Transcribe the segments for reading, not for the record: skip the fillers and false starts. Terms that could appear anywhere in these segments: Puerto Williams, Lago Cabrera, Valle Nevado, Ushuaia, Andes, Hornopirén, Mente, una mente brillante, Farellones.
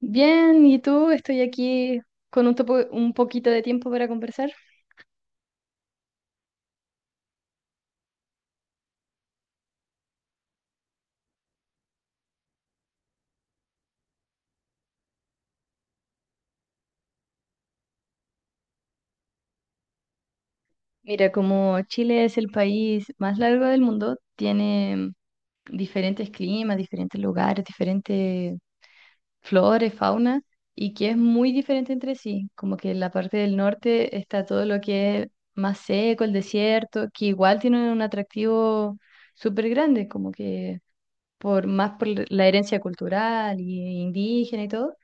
Bien, ¿y tú? Estoy aquí con un poquito de tiempo para conversar. Mira, como Chile es el país más largo del mundo, tiene diferentes climas, diferentes lugares, diferentes flores, fauna, y que es muy diferente entre sí. Como que en la parte del norte está todo lo que es más seco, el desierto, que igual tiene un atractivo súper grande, como que por la herencia cultural y indígena y todo.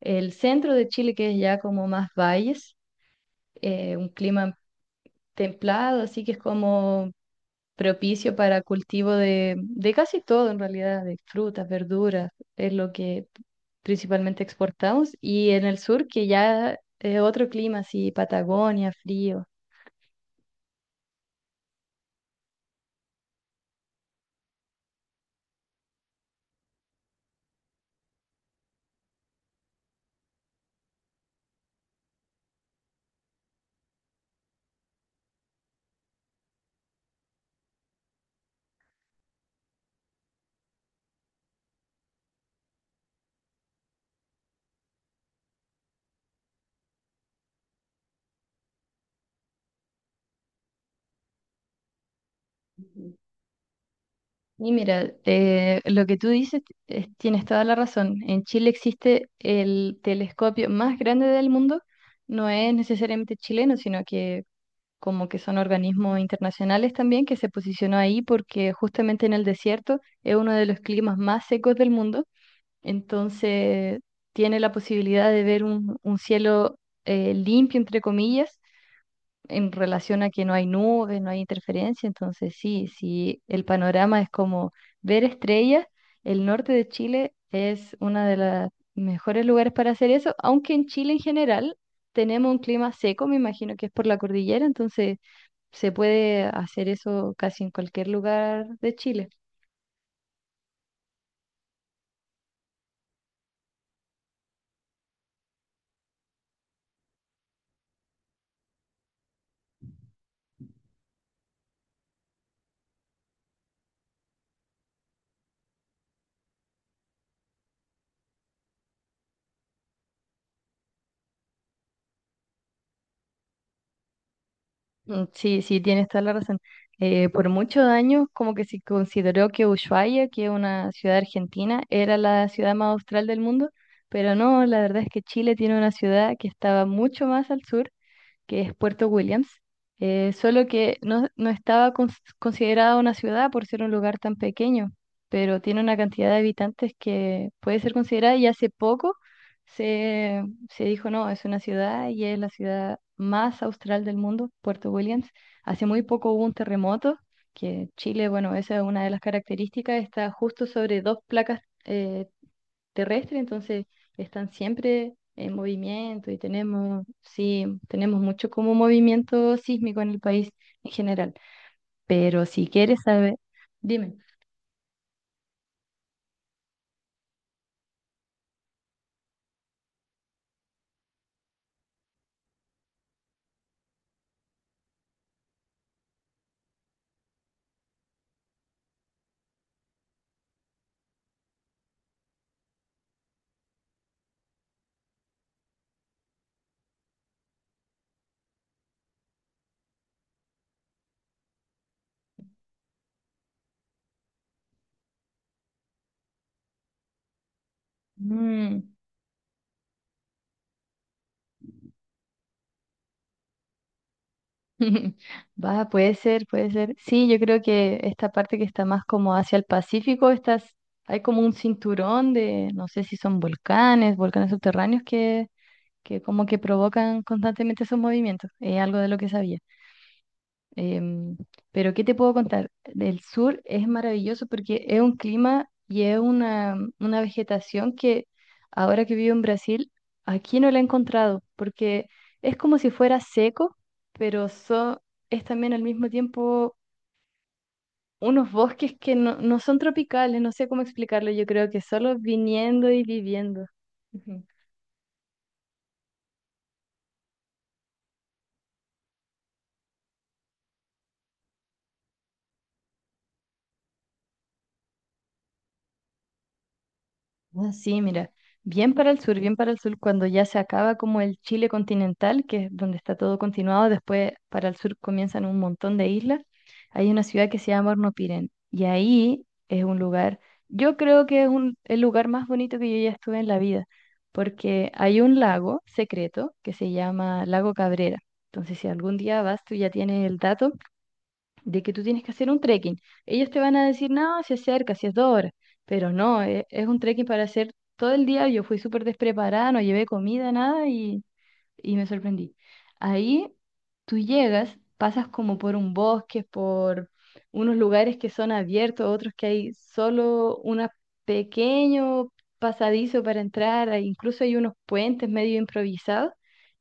El centro de Chile, que es ya como más valles, un clima templado, así que es como propicio para cultivo de casi todo en realidad, de frutas, verduras, es lo que principalmente exportamos. Y en el sur, que ya es otro clima, así Patagonia, frío. Y mira, lo que tú dices, tienes toda la razón. En Chile existe el telescopio más grande del mundo. No es necesariamente chileno, sino que como que son organismos internacionales también, que se posicionó ahí porque justamente en el desierto es uno de los climas más secos del mundo, entonces tiene la posibilidad de ver un cielo limpio, entre comillas, en relación a que no hay nubes, no hay interferencia, entonces sí, sí, el panorama es como ver estrellas. El norte de Chile es uno de los mejores lugares para hacer eso, aunque en Chile en general tenemos un clima seco, me imagino que es por la cordillera, entonces se puede hacer eso casi en cualquier lugar de Chile. Mm, sí, sí, tienes toda la razón. Por muchos años, como que se consideró que Ushuaia, que es una ciudad argentina, era la ciudad más austral del mundo, pero no, la verdad es que Chile tiene una ciudad que estaba mucho más al sur, que es Puerto Williams. Solo que no estaba considerada una ciudad por ser un lugar tan pequeño, pero tiene una cantidad de habitantes que puede ser considerada, y hace poco se, se dijo, no, es una ciudad y es la ciudad más austral del mundo, Puerto Williams. Hace muy poco hubo un terremoto, que Chile, bueno, esa es una de las características, está justo sobre dos placas. Terrestre, entonces están siempre en movimiento y tenemos, sí, tenemos mucho como movimiento sísmico en el país en general. Pero si quieres saber, dime. Mm. Va, puede ser, puede ser. Sí, yo creo que esta parte que está más como hacia el Pacífico, estás, hay como un cinturón de, no sé si son volcanes, volcanes subterráneos que como que provocan constantemente esos movimientos. Es algo de lo que sabía. Em, pero ¿qué te puedo contar? Del sur es maravilloso porque es un clima y es una vegetación que ahora que vivo en Brasil, aquí no la he encontrado, porque es como si fuera seco, pero so- es también al mismo tiempo unos bosques que no son tropicales, no sé cómo explicarlo, yo creo que solo viniendo y viviendo. Ujú. Ah, sí, mira, bien para el sur, bien para el sur, cuando ya se acaba como el Chile continental, que es donde está todo continuado, después para el sur comienzan un montón de islas. Hay una ciudad que se llama Hornopiren, y ahí es un lugar, yo creo que es el lugar más bonito que yo ya estuve en la vida, porque hay un lago secreto que se llama Lago Cabrera. Entonces si algún día vas, tú ya tienes el dato de que tú tienes que hacer un trekking. Ellos te van a decir, no, si es cerca, si es 2 horas, pero no, es un trekking para hacer todo el día. Yo fui súper despreparada, no llevé comida, nada, y me sorprendí. Ahí tú llegas, pasas como por un bosque, por unos lugares que son abiertos, otros que hay solo un pequeño pasadizo para entrar, incluso hay unos puentes medio improvisados,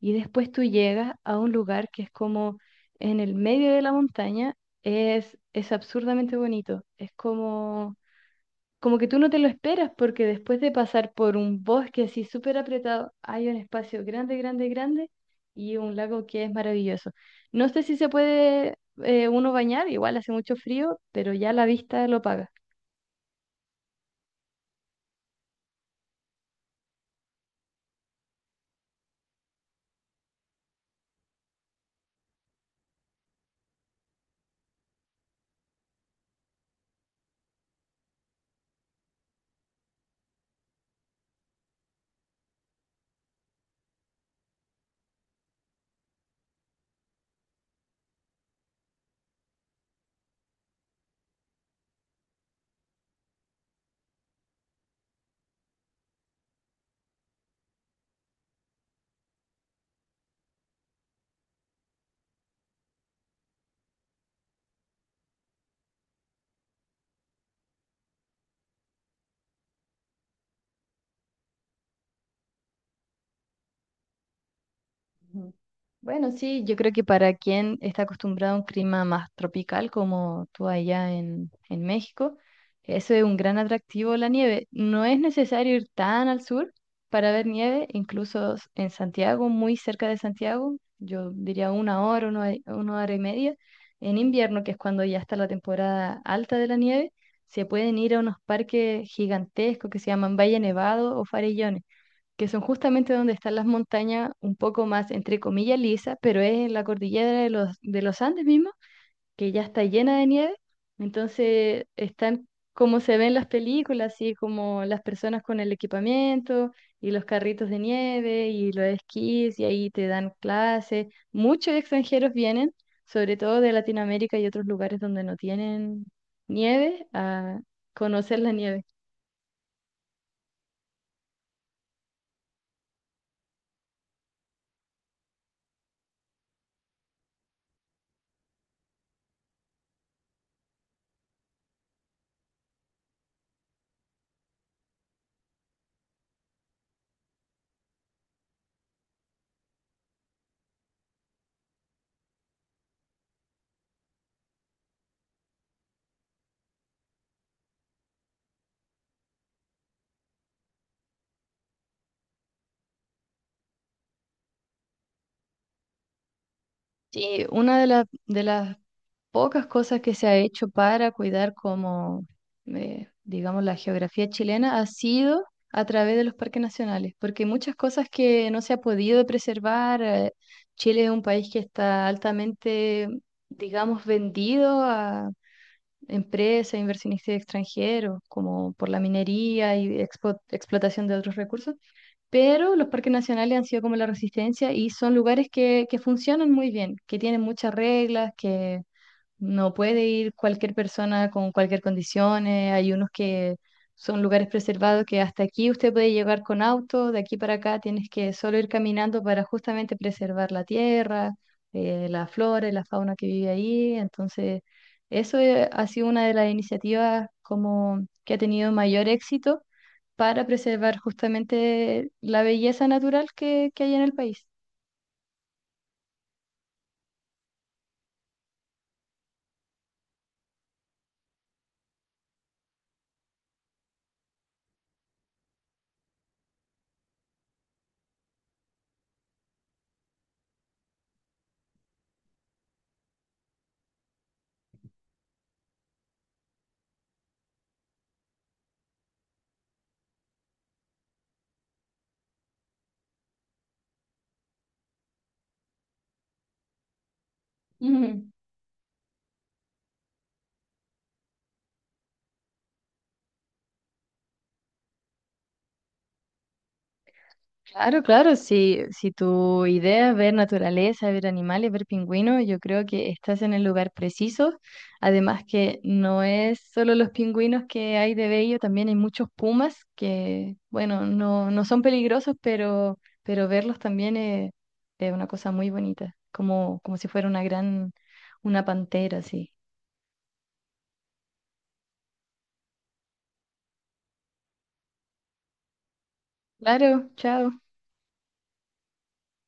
y después tú llegas a un lugar que es como en el medio de la montaña. Es absurdamente bonito, es como como que tú no te lo esperas, porque después de pasar por un bosque así súper apretado, hay un espacio grande, grande, grande y un lago que es maravilloso. No sé si se puede uno bañar, igual hace mucho frío, pero ya la vista lo paga. Ujú. Bueno, sí, yo creo que para quien está acostumbrado a un clima más tropical como tú allá en México, eso es un gran atractivo, la nieve. No es necesario ir tan al sur para ver nieve, en Santiago, muy cerca de Santiago, yo diría 1 hora, 1 hora y media, en invierno, que es cuando ya está la temporada alta de la nieve, se pueden ir a unos parques gigantescos que se llaman Valle Nevado o Farellones, que son justamente donde están las montañas un poco más, entre comillas, lisa, pero es en la cordillera de los Andes mismo, que ya está llena de nieve. Entonces están como se ven en las películas, así como las personas con el equipamiento y los carritos de nieve y los esquís, y ahí te dan clases. Muchos extranjeros vienen, sobre todo de Latinoamérica y otros lugares donde no tienen nieve, a conocer la nieve. Sí, una de las pocas cosas que se ha hecho para cuidar como, digamos, la geografía chilena ha sido a través de los parques nacionales, porque hay muchas cosas que no se ha podido preservar. Chile es un país que está altamente, digamos, vendido a empresas, inversionistas extranjeros, como por la minería y explotación de otros recursos, pero los parques nacionales han sido como la resistencia y son lugares que funcionan muy bien, que tienen muchas reglas, que no puede ir cualquier persona con cualquier condición. Hay unos que son lugares preservados que hasta aquí usted puede llegar con auto, de aquí para acá tienes que solo ir caminando para justamente preservar la tierra, la flora y la fauna que vive ahí. Entonces, eso ha sido una de las iniciativas como que ha tenido mayor éxito para preservar justamente la belleza natural que hay en el país. Ujú. Claro, claro, si, si tu idea es ver naturaleza, ver animales, ver pingüinos, yo creo que estás en el lugar preciso. Además que no es solo los pingüinos que hay de bello, también hay muchos pumas que, bueno, no, no son peligrosos, pero verlos también es una cosa muy bonita, como, como si fuera una pantera, sí. Claro, chao.